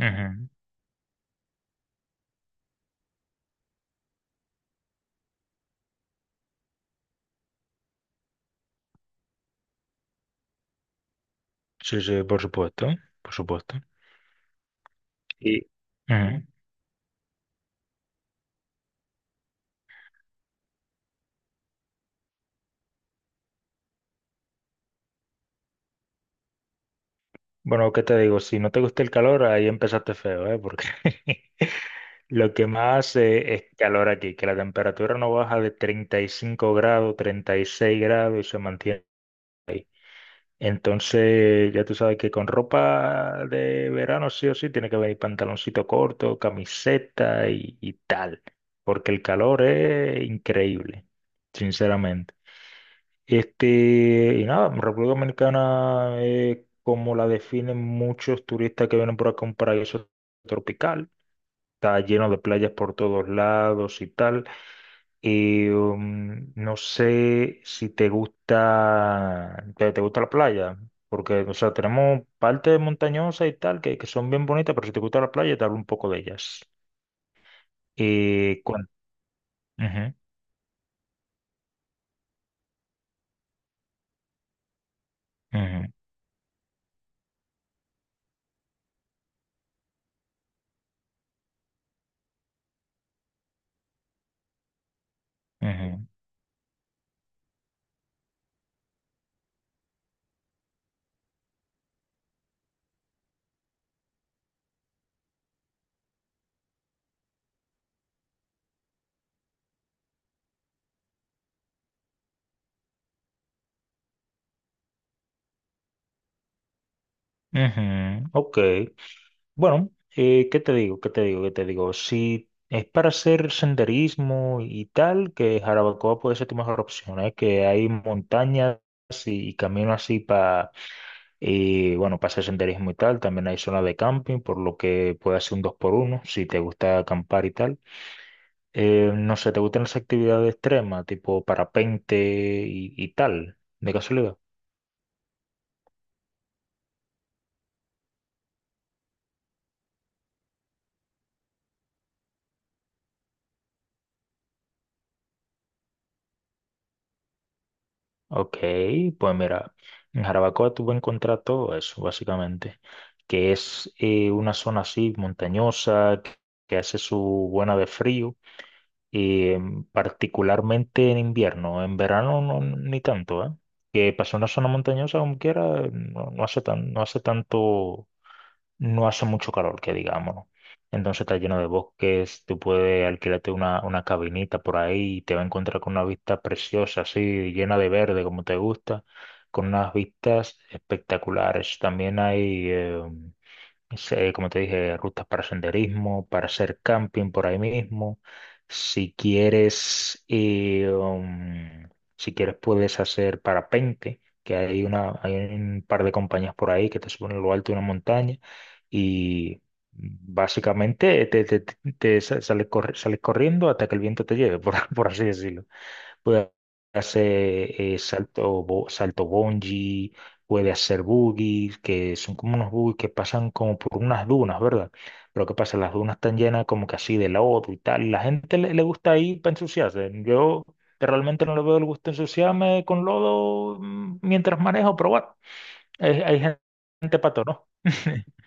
Ujú. Sí, sí, por supuesto, por supuesto. Y Ujú. Bueno, ¿qué te digo? Si no te gusta el calor, ahí empezaste feo, ¿eh? Porque lo que más hace es calor aquí, que la temperatura no baja de 35 grados, 36 grados y se mantiene. Entonces, ya tú sabes que con ropa de verano sí o sí tiene que venir pantaloncito corto, camiseta y tal, porque el calor es increíble, sinceramente. Este, y nada, República Dominicana es como la definen muchos turistas que vienen por acá, un paraíso tropical. Está lleno de playas por todos lados y tal. Y no sé si te gusta, te gusta la playa, porque, o sea, tenemos partes montañosas y tal que son bien bonitas, pero si te gusta la playa, te hablo un poco de ellas. Y, cuan- Ujú, ujú, ujú, ujú. Ok. Bueno, ¿qué te digo? ¿Qué te digo? ¿Qué te digo? Si es para hacer senderismo y tal, que Jarabacoa puede ser tu mejor opción, ¿eh? Que hay montañas y caminos así para, bueno, para hacer senderismo y tal. También hay zona de camping, por lo que puede hacer un dos por uno si te gusta acampar y tal. No sé, ¿te gustan las actividades extremas, tipo parapente y tal, de casualidad? Ok, pues mira, en Jarabacoa tú vas a encontrar todo eso, básicamente, que es una zona así montañosa, que hace su buena de frío, y particularmente en invierno, en verano no, ni tanto, ¿eh? Que pasó una zona montañosa como quiera, no, no hace tan, no hace tanto, no hace mucho calor, que digamos, ¿no? Entonces está lleno de bosques, tú puedes alquilarte una cabinita por ahí y te va a encontrar con una vista preciosa, así, llena de verde, como te gusta, con unas vistas espectaculares. También hay como te dije, rutas para senderismo, para hacer camping por ahí mismo. Si quieres, eh, um, si quieres puedes hacer parapente, que hay un par de compañías por ahí que te suben a lo alto de una montaña y básicamente sales, sales corriendo hasta que el viento te lleve, por, por así decirlo puede hacer salto bungee, puede hacer boogies, que son como unos boogies que pasan como por unas dunas, ¿verdad? Pero ¿qué pasa? Las dunas están llenas como que así de lodo y tal. La gente le gusta ir para ensuciarse. Yo realmente no le veo el gusto de ensuciarme con lodo mientras manejo, pero bueno, hay gente pato, ¿no?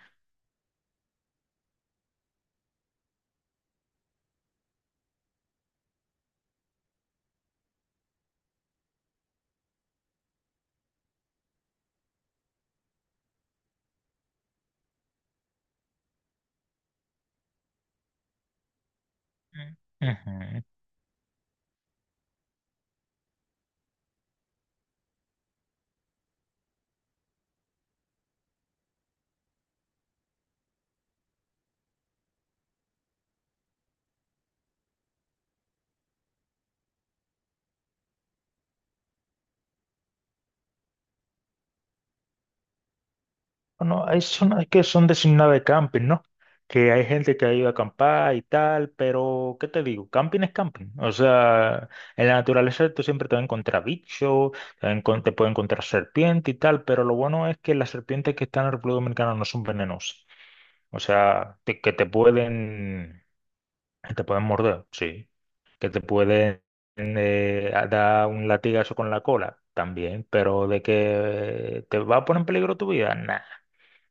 Ujú. Bueno, hay zonas que son designadas de camping, ¿no? Que hay gente que ha ido a acampar y tal, pero ¿qué te digo? Camping es camping. O sea, en la naturaleza tú siempre te vas a encontrar bichos, te puedes encontrar serpiente y tal, pero lo bueno es que las serpientes que están en la República Dominicana no son venenosas. O sea, que te pueden morder, sí. Que te pueden dar un latigazo con la cola también, pero de que te va a poner en peligro tu vida, nah.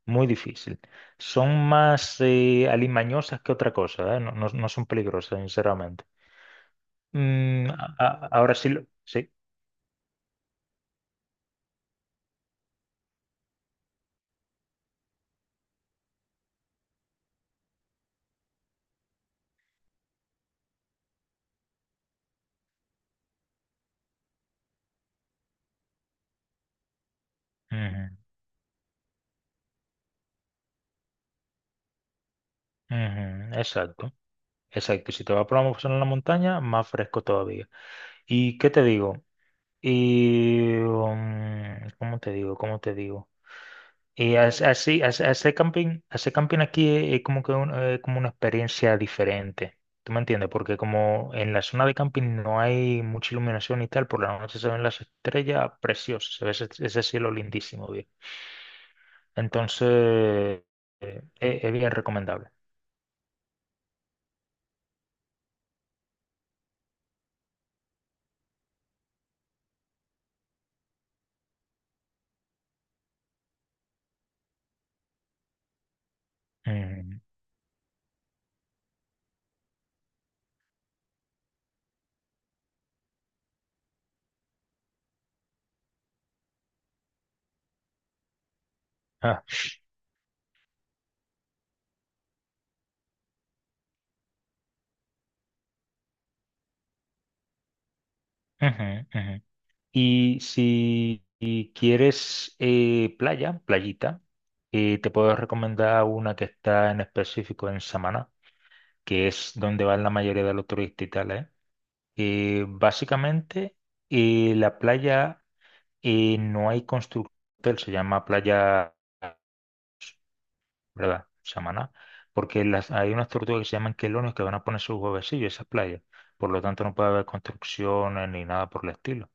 Muy difícil. Son más alimañosas que otra cosa, ¿eh? No, no son peligrosas, sinceramente. Ahora sí, sí. Ujú, ujú, exacto. Exacto. Si te vas por una zona en la montaña, más fresco todavía. ¿Y qué te digo? ¿Cómo te digo? ¿Cómo te digo? Así, hacer camping aquí es como que como una experiencia diferente. ¿Tú me entiendes? Porque como en la zona de camping no hay mucha iluminación y tal, por la noche se ven las estrellas preciosas, se ve ese cielo lindísimo, bien. Entonces, es bien recomendable. Mm, ah, ujú, ujú. Y si y quieres playa, playita, te puedo recomendar una que está en específico en Samaná. Que es donde van la mayoría de los turistas y tal, ¿eh? Básicamente, la playa no hay constructor, se llama playa, ¿verdad? Samaná, porque hay unas tortugas que se llaman quelonios que van a poner sus huevecillos en esas playas, por lo tanto no puede haber construcciones ni nada por el estilo.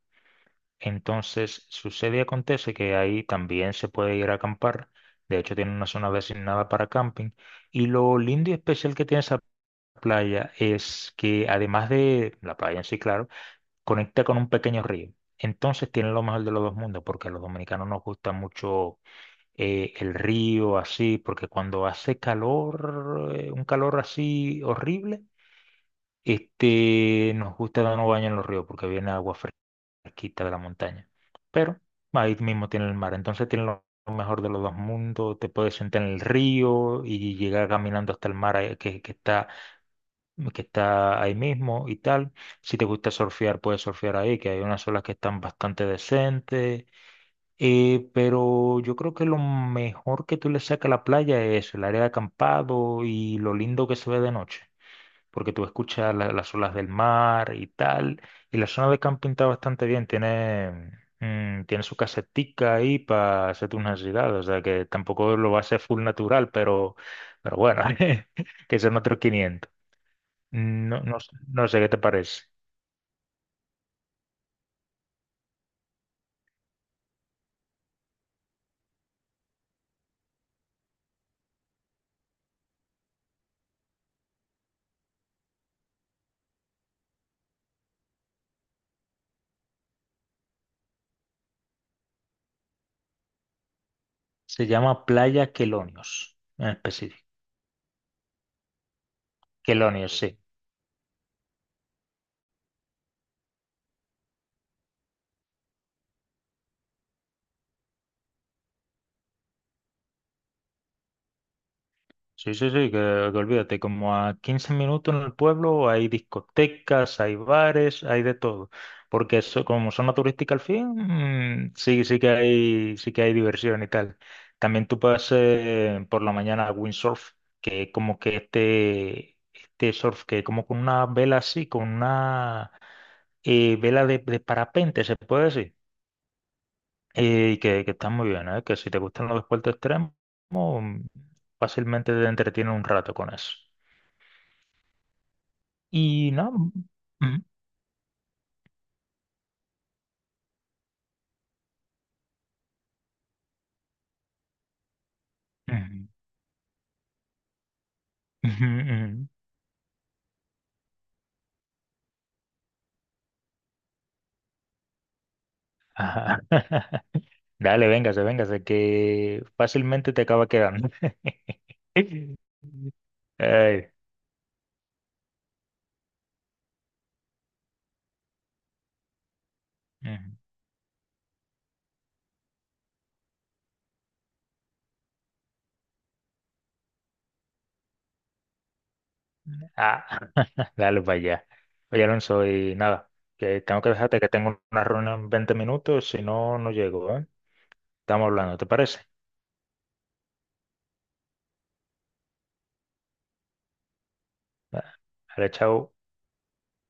Entonces, sucede y acontece que ahí también se puede ir a acampar, de hecho tiene una zona designada para camping, y lo lindo y especial que tiene esa playa es que además de la playa en sí, claro, conecta con un pequeño río. Entonces tiene lo mejor de los dos mundos, porque a los dominicanos nos gusta mucho el río así, porque cuando hace calor, un calor así horrible, este, nos gusta darnos baño en los ríos, porque viene agua fresquita de la montaña. Pero ahí mismo tiene el mar, entonces tiene lo mejor de los dos mundos, te puedes sentar en el río y llegar caminando hasta el mar, que está ahí mismo y tal. Si te gusta surfear, puedes surfear ahí, que hay unas olas que están bastante decentes. Pero yo creo que lo mejor que tú le sacas a la playa es el área de acampado y lo lindo que se ve de noche, porque tú escuchas las olas del mar y tal. Y la zona de camping está bastante bien, tiene su casetica ahí para hacer tus necesidades, o sea que tampoco lo va a hacer full natural, pero bueno, que son otros 500. Mm, no, no, no sé qué te parece. Se llama Playa Quelonios, en específico. Quelonios, sí. Sí, sí, sí, que olvídate, como a 15 minutos en el pueblo hay discotecas, hay bares, hay de todo. Porque eso, como zona turística al fin, sí, sí que hay diversión y tal. También tú puedes hacer por la mañana windsurf, que es como que este surf que es como con una vela así, con una vela de parapente, se puede decir. Y que están muy bien, ¿eh? Que si te gustan los deportes extremos, mm, fácilmente te entretienen un rato con eso. Y no. Mm, mm, mm, mm. Ajá. Dale, véngase, véngase, que fácilmente te acaba quedando. Ay, ujú. Ah, dale para allá. Oye, Alonso, y nada, que tengo que dejarte que tengo una reunión en 20 minutos, si no, no llego, ¿eh? Estamos hablando, ¿te parece? Ah, dale, chao.